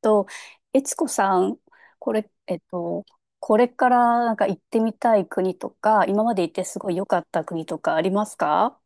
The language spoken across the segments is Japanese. と、えつこさん、これ、えっと、これからなんか行ってみたい国とか、今まで行ってすごい良かった国とかありますか？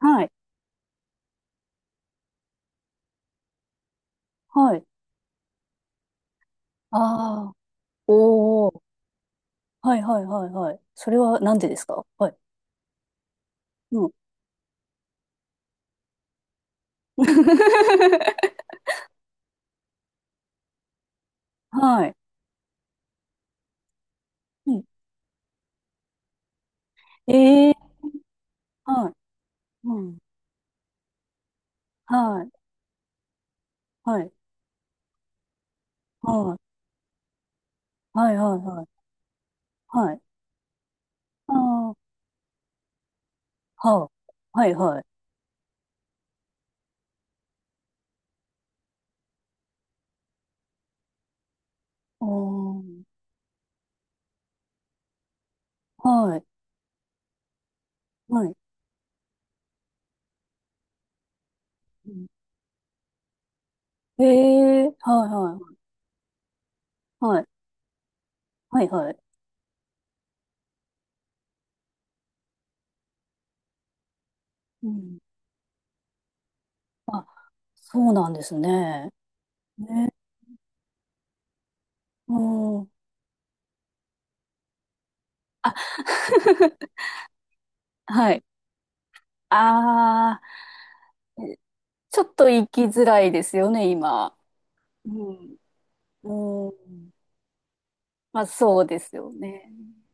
はい。はい。ああ、おお、はいはいはいはい。それはなんでですか？はい。うん。はい。うん。ええ、はい。うん。はい。はい。はい。はいはいはい。はい。ああ、はあ。はいはい。おー。はい。はい。うん、ええ、はいはい。はい。はいはい。うん。あ、そうなんですね。ね。うん。あ、はい。ああ、ちょっと行きづらいですよね、今。うん。うん。まあ、そうですよね。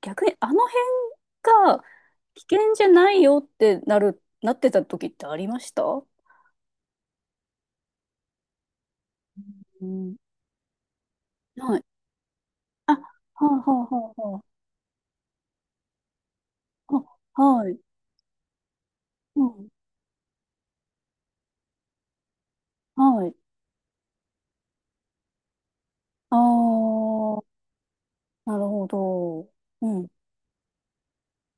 逆に、あの辺が危険じゃないよってなる、なってた時ってありました？うん。はい。あ、はあ、はあ、はあ、はあ。あ、はい。うん。はい。ああ、なるほど。うん。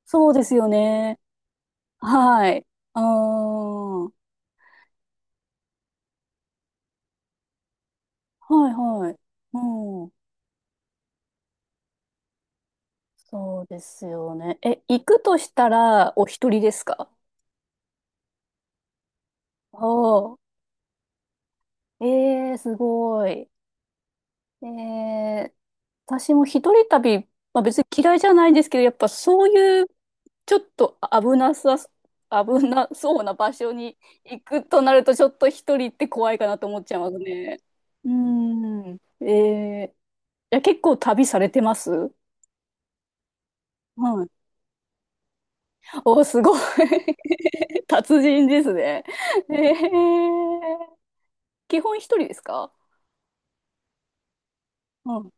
そうですよね。はい。ああ、はいはい。うん。そうですよね。え、行くとしたら、お一人ですか？おー。ええ、すごい。ええ、私も一人旅、まあ別に嫌いじゃないんですけど、やっぱそういう、ちょっと危なそうな場所に行くとなると、ちょっと一人って怖いかなと思っちゃいますね。うーん。ええ、いや、結構旅されてます？はい。お、すごい 達人ですね。ええ、基本一人ですか？は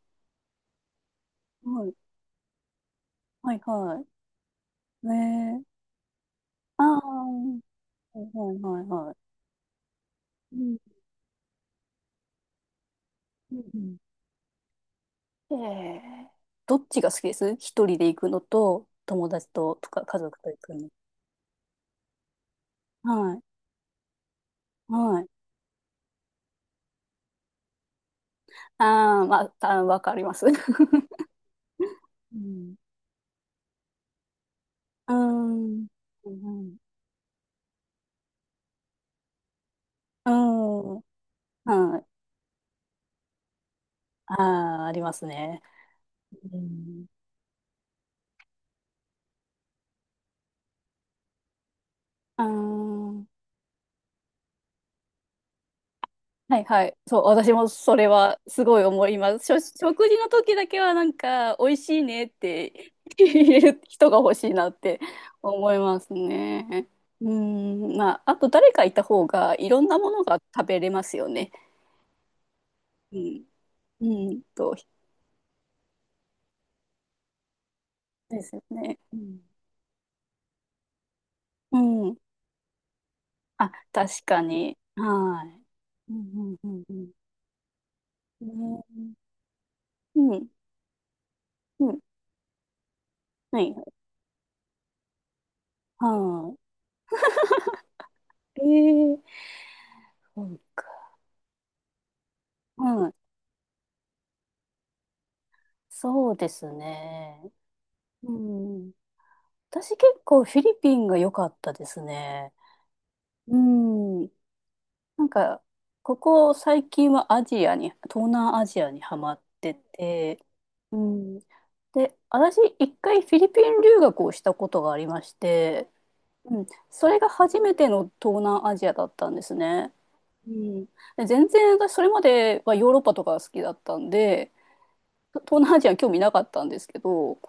い。はい。はいはい。ええ、ああー、はいはいはいええああいはいはいはいうんうんうんええ、どっちが好きです？一人で行くのと、友達と、とか家族と行くの。はい。はい。ああ、まあ、たわかります。うん。うん。うん。うん。はい。ああ、ありますね。うん、ああ、はいはい。そう、私もそれはすごい思います。食事の時だけはなんか、美味しいねって 言える人が欲しいなって思いますね。うん、まあ、あと誰かいた方がいろんなものが食べれますよね。うん。うんと、ですよね。うん。うん。あ、確かに。はい。うんうんうんうん。ね、うん。うん。はい。はい。えー、そうか。そうですね。うん。私結構フィリピンが良かったですね。うん。なんか、ここ最近はアジアに、東南アジアにハマってて、うん。で、私一回フィリピン留学をしたことがありまして、うん。それが初めての東南アジアだったんですね。うん。で全然私それまではヨーロッパとかが好きだったんで、東南アジア興味なかったんですけど、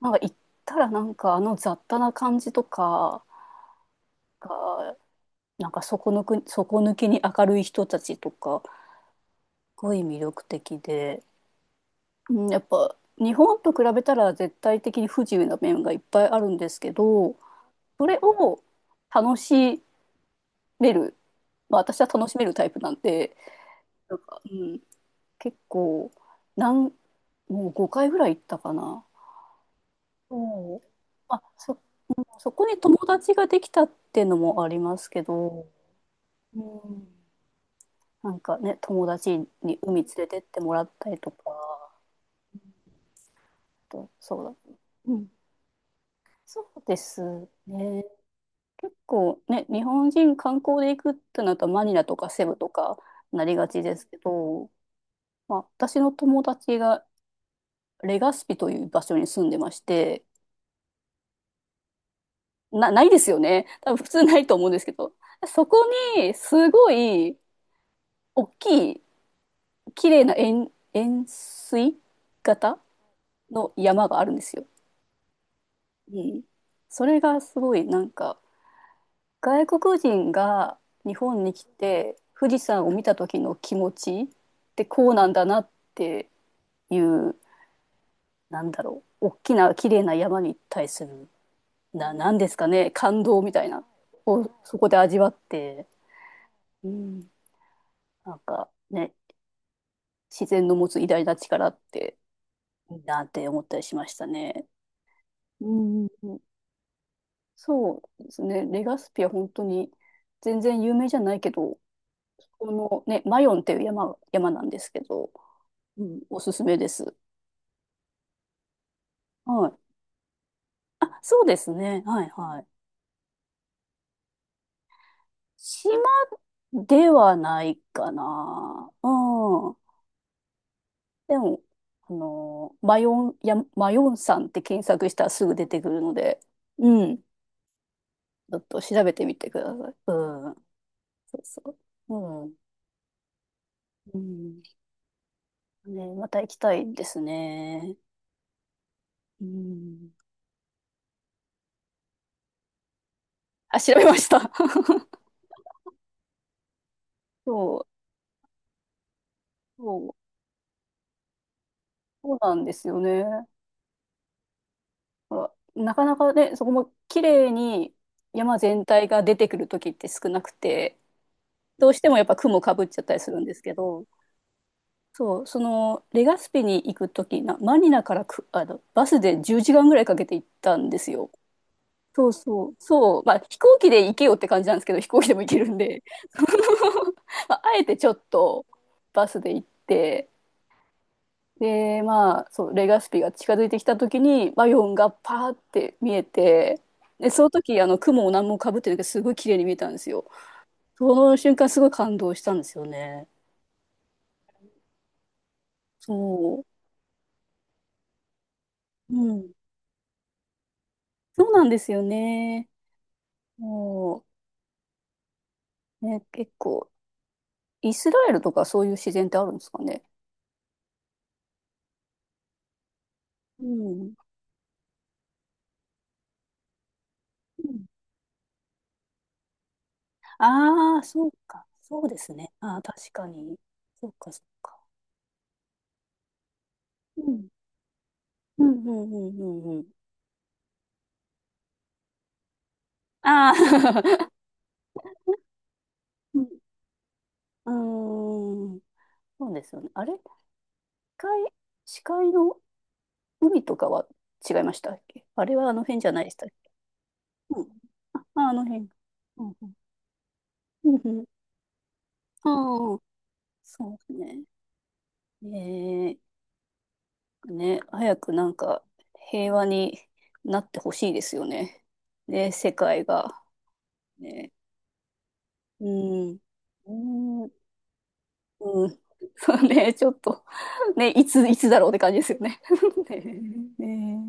なんか行ったらなんかあの雑多な感じとか、がなんか底抜けに明るい人たちとか、すごい魅力的で、うん、やっぱ日本と比べたら絶対的に不自由な面がいっぱいあるんですけど、それを楽しめる、まあ、私は楽しめるタイプなんで、なんか、うん、結構、なん、もう5回ぐらい行ったかな。そう。うん、そこに友達ができたっていうのもありますけど、うん、なんかね、友達に海連れてってもらったりとか、あと、そうだ。うん、そうですね。結構ね、日本人観光で行くってなるとマニラとかセブとかなりがちですけど、まあ、私の友達がレガスピという場所に住んでまして、ないですよね。多分普通ないと思うんですけど、そこにすごい大きい綺麗な円錐型の山があるんですよ。うん。それがすごいなんか外国人が日本に来て富士山を見た時の気持ちってこうなんだなっていう、なんだろう、大きな綺麗な山に対する、な、なんですかね、感動みたいなをそこで味わって、うん、なんかね、自然の持つ偉大な力っていいなって思ったりしましたね。うんうんうん、そうですね。レガスピは本当に全然有名じゃないけど、このね、マヨンっていう山なんですけど、うん、おすすめです。はい。あ、そうですね。はいはい。島ではないかな。うん。でも、あのー、マヨンさんって検索したらすぐ出てくるので、うん。ちょっと調べてみてください。うん。そうそう。うん。うん。ね、また行きたいですね。うん。あ、調べました。そう、そう、そうなんですよね。ほら、なかなかね、そこも綺麗に山全体が出てくる時って少なくて、どうしてもやっぱ雲かぶっちゃったりするんですけど、そう、そのレガスピに行く時な、マニラからく、あの、バスで10時間ぐらいかけて行ったんですよ。そうそう、そう、まあ飛行機で行けよって感じなんですけど、飛行機でも行けるんで、まあ、あえてちょっとバスで行って、で、まあ、そう、レガスピが近づいてきた時に、バイオンがパーって見えて、で、その時、あの、雲を何もかぶってなくて、すごい綺麗に見えたんですよ。その瞬間、すごい感動したんですよね。そう。うん。そうなんですよね。もう、ね、結構、イスラエルとかそういう自然ってあるんですかね。うん。うん、ああー、そうか。そうですね。ああ、確かに。そうか、そうか。うん。うん、うん、うん、うん。うん、ああ。うーん。そうですよね。あれ、界、視界の海とかは違いましたっけ？あれはあの辺じゃないでしたっけ？うん。あ、ああの辺。うんうん。うんうん、ああ、そうですね。えー、ね、早くなんか平和になってほしいですよね。ね、世界が。ね、うん。うん。うん。そうね、ちょっと、ね、いつだろうって感じですよね。ね、ね。